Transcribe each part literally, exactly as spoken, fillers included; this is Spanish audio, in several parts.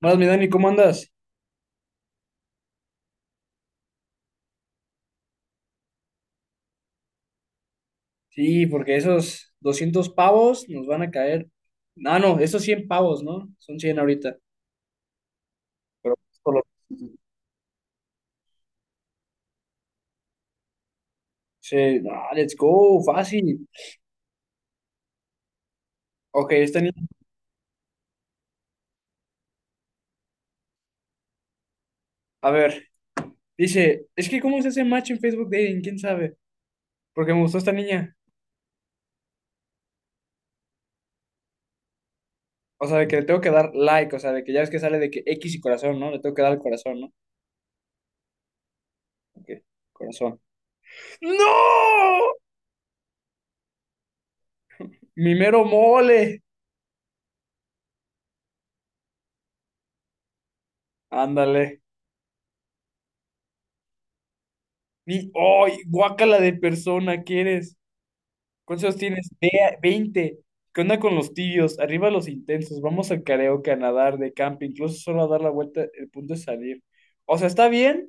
Buenas, mi Dani, ¿cómo andas? Sí, porque esos doscientos pavos nos van a caer. No, no, esos cien pavos, ¿no? Son cien ahorita. Pero por lo- sí, no, let's go, fácil. Ok, esta niña. A ver, dice, es que ¿cómo se hace match en Facebook Dating? ¿Quién sabe? Porque me gustó esta niña. O sea, de que le tengo que dar like, o sea, de que ya ves que sale de que X y corazón, ¿no? Le tengo que dar el corazón, ¿no? Ok, corazón. ¡No! Mi mero mole. Ándale. Mi, ¡ay! Guácala de persona, ¿quieres? ¿Cuántos años tienes? Ve- veinte? ¿Qué onda con los tibios? Arriba los intensos. Vamos al karaoke, a nadar, de camping, incluso solo a dar la vuelta. El punto es salir. O sea, ¿está bien?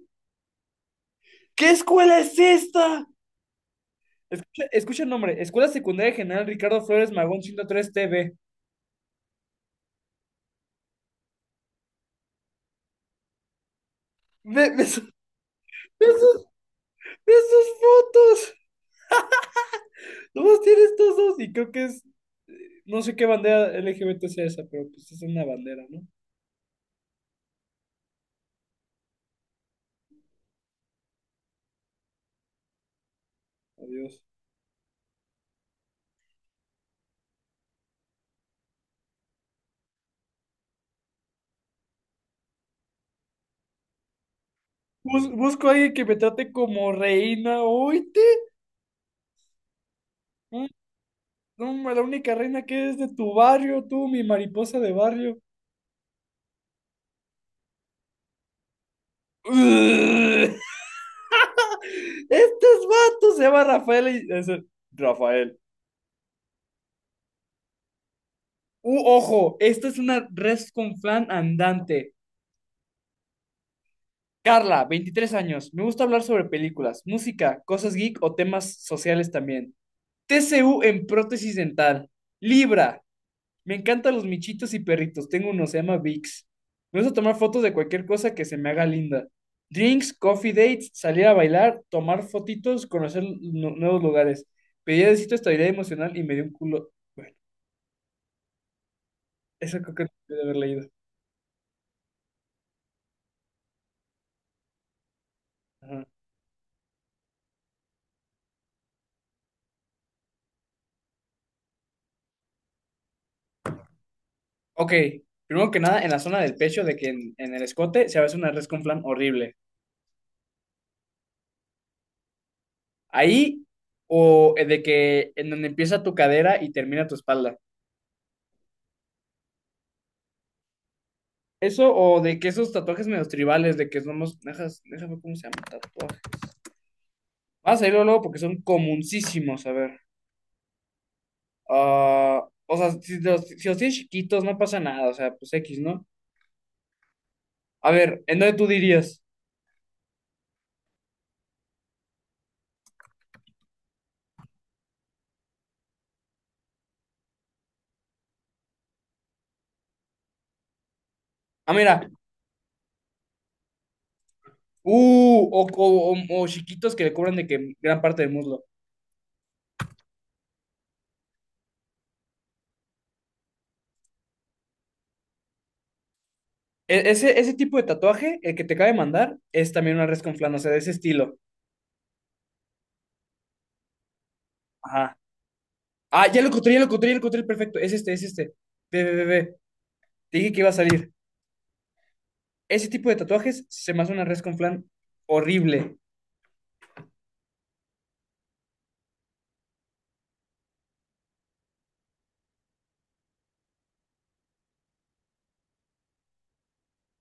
¿Qué escuela es esta? Escucha, escucha el nombre. Escuela Secundaria General Ricardo Flores Magón ciento tres T V. Ve, ve su- ve sus, ve sus fotos. Nomás tiene estos dos. Y creo que es, no sé qué bandera L G B T sea esa, pero pues es una bandera, ¿no? Adiós. Bus- busco a alguien que me trate como reina. Oíte. No, ma, la única reina que es de tu barrio, tú, mi mariposa de barrio. ¡Ugh! Estos vatos se llama Rafael y es el- Rafael. Uh, ojo, esta es una res con flan andante. Carla, veintitrés años. Me gusta hablar sobre películas, música, cosas geek o temas sociales también. T C U en prótesis dental. Libra. Me encantan los michitos y perritos. Tengo uno, se llama Vix. Me gusta tomar fotos de cualquier cosa que se me haga linda. Drinks, coffee dates, salir a bailar, tomar fotitos, conocer nu- nuevos lugares. Pedí de cita estabilidad emocional y me dio un culo. Bueno, esa creo que debe haber leído. Ajá. Ok, primero que nada, en la zona del pecho, de que en, en el escote se hace una res con flan horrible. Ahí, o eh, de que en donde empieza tu cadera y termina tu espalda. Eso o de que esos tatuajes medios tribales, de que somos. Dejas, déjame ver cómo se llama el tatuaje. Vas a irlo luego porque son comuncísimos, a ver. Ah, o sea, si los, si los tienes chiquitos, no pasa nada, o sea, pues X, ¿no? A ver, ¿en dónde tú dirías? Ah, mira, uh, o, o, o- o chiquitos que le cubran de que gran parte del muslo. E- ese, ese tipo de tatuaje, el que te cabe mandar, es también una res con flan, o sea, de ese estilo. Ajá. Ah, ya lo encontré, ya lo encontré, ya lo encontré, perfecto. Es este, es este. Ve, ve, ve, ve. Te dije que iba a salir. Ese tipo de tatuajes se me hace una res con flan horrible.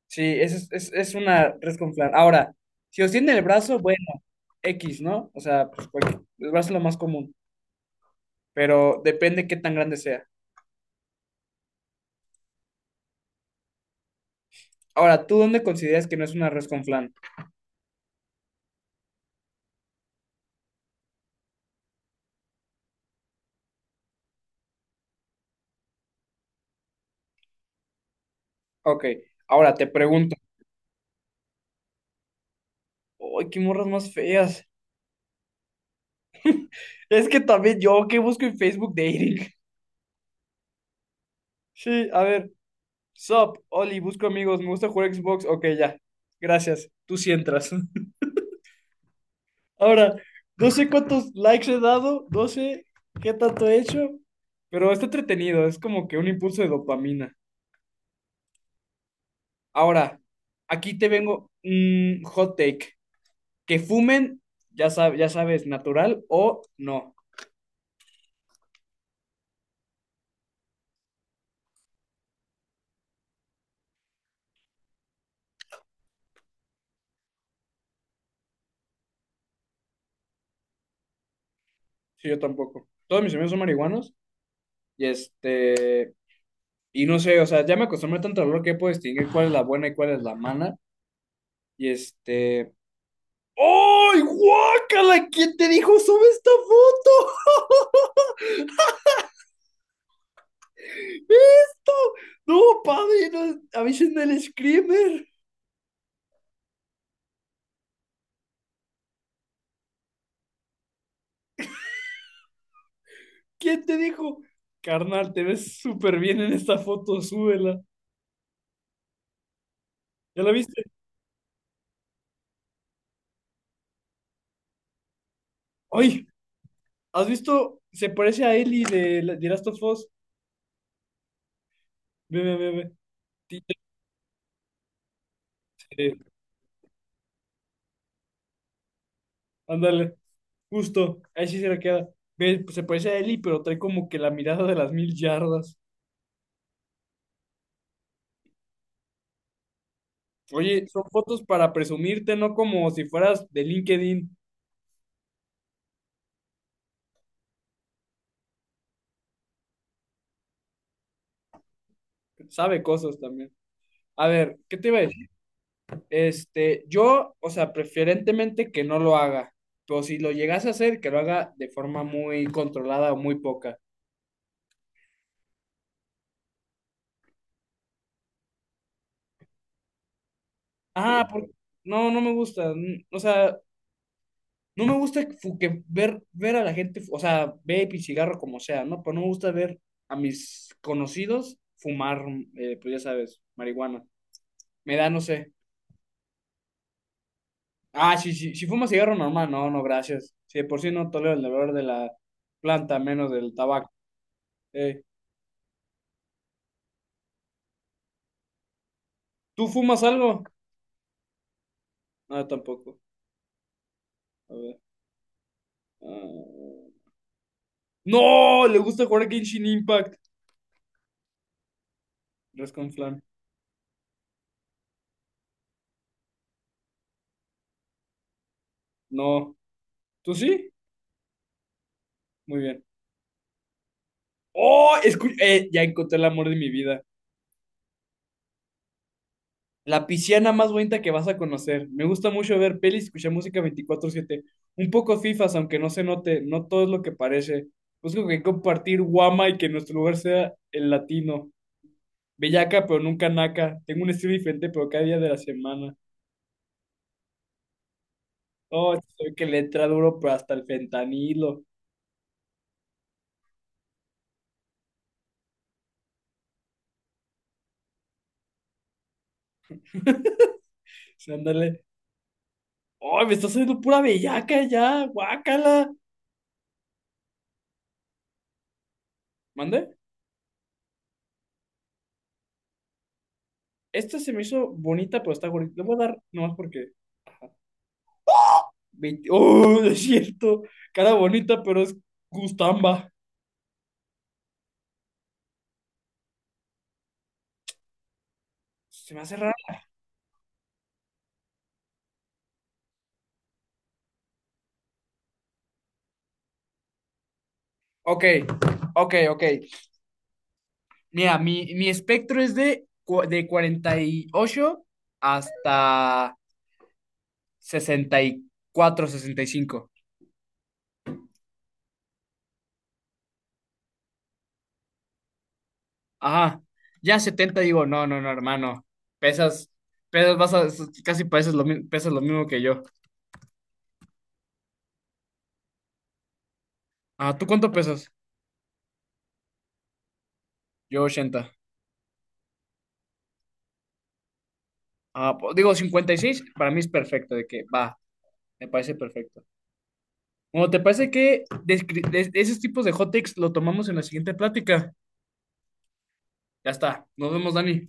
Sí, es, es, es una res con flan. Ahora, si os tiene el brazo, bueno, X, ¿no? O sea, pues cualquier- el brazo es lo más común, pero depende qué tan grande sea. Ahora, ¿tú dónde consideras que no es una res con flan? Ok, ahora te pregunto. ¡Ay, qué morras más feas! Es que también yo, ¿qué busco en Facebook Dating? Sí, a ver. Sup, Oli, busco amigos, me gusta jugar Xbox. Ok, ya. Gracias. Tú sí entras. Ahora, no sé cuántos likes he dado, no sé qué tanto he hecho, pero está entretenido, es como que un impulso de dopamina. Ahora, aquí te vengo un hot take. Que fumen, ya sab- ya sabes, natural o no. Sí, yo tampoco. Todos mis amigos son marihuanos y este, y no sé, o sea, ya me acostumbré tanto al olor que puedo distinguir cuál es la buena y cuál es la mala. Y este. ¡Ay, guácala! ¿Quién te dijo sube esta foto? ¡Esto! No, padrino, avisen del screamer. ¿Quién te dijo? Carnal, te ves súper bien en esta foto, súbela. ¿Ya la viste? ¡Ay! ¿Has visto? Se parece a Ellie de, la- de Last of Us. Ve, ve, ve, ve. Sí, eh, ándale, justo. Ahí sí se la queda. Ve, pues se parece a Ellie, pero trae como que la mirada de las mil yardas. Oye, son fotos para presumirte, no como si fueras de LinkedIn. Sabe cosas también. A ver, ¿qué te iba a? Este, yo, o sea, preferentemente que no lo haga, pero si lo llegase a hacer, que lo haga de forma muy controlada o muy poca. Ah, sí, porque no, no me gusta, n- o sea, no me gusta que, fu- que ver, ver a la gente, fu- o sea, vape y cigarro como sea, ¿no? Pero no me gusta ver a mis conocidos fumar, eh, pues ya sabes, marihuana. Me da, no sé. Ah, sí, sí, si fuma cigarro normal, no, no, gracias. Si de por sí no tolero el olor de la planta, menos del tabaco. Eh, ¿Tú fumas algo? No, tampoco. A ver. Ah, ¡no! Le gusta jugar a Genshin Impact. Rescon Flan. No. ¿Tú sí? Muy bien. ¡Oh! Escu- eh, ya encontré el amor de mi vida. La pisciana más bonita que vas a conocer. Me gusta mucho ver pelis y escuchar música veinticuatro siete. Un poco fifas, aunque no se note. No todo es lo que parece. Busco que compartir guama y que nuestro lugar sea el latino. Bellaca, pero nunca naca. Tengo un estilo diferente, pero cada día de la semana. Oh, esto se ve que le entra duro, pero hasta el fentanilo. Sí, ándale. ¡Ay, me está saliendo pura bellaca ya! ¡Guácala! ¿Mande? Esta se me hizo bonita, pero está bonita. Le voy a dar nomás porque. Ajá. veinte. ¡Oh, no es cierto! Cara bonita, pero es gustamba. Se me hace raro. Ok, ok, ok. Mira, mi, mi espectro es de, cu- de cuarenta y ocho hasta sesenta, sesenta y cuatro, sesenta y cinco. Ajá. Ya setenta digo, no, no, no, hermano. Pesas, pesas, vas a, casi pareces lo, mi- pesas lo mismo que yo. Ah, ¿tú cuánto pesas? Yo ochenta. Ah, po- digo cincuenta y seis. Para mí es perfecto, de que va, me parece perfecto. Bueno, ¿te parece que descri- de, de esos tipos de hot takes lo tomamos en la siguiente plática? Ya está, nos vemos, Dani.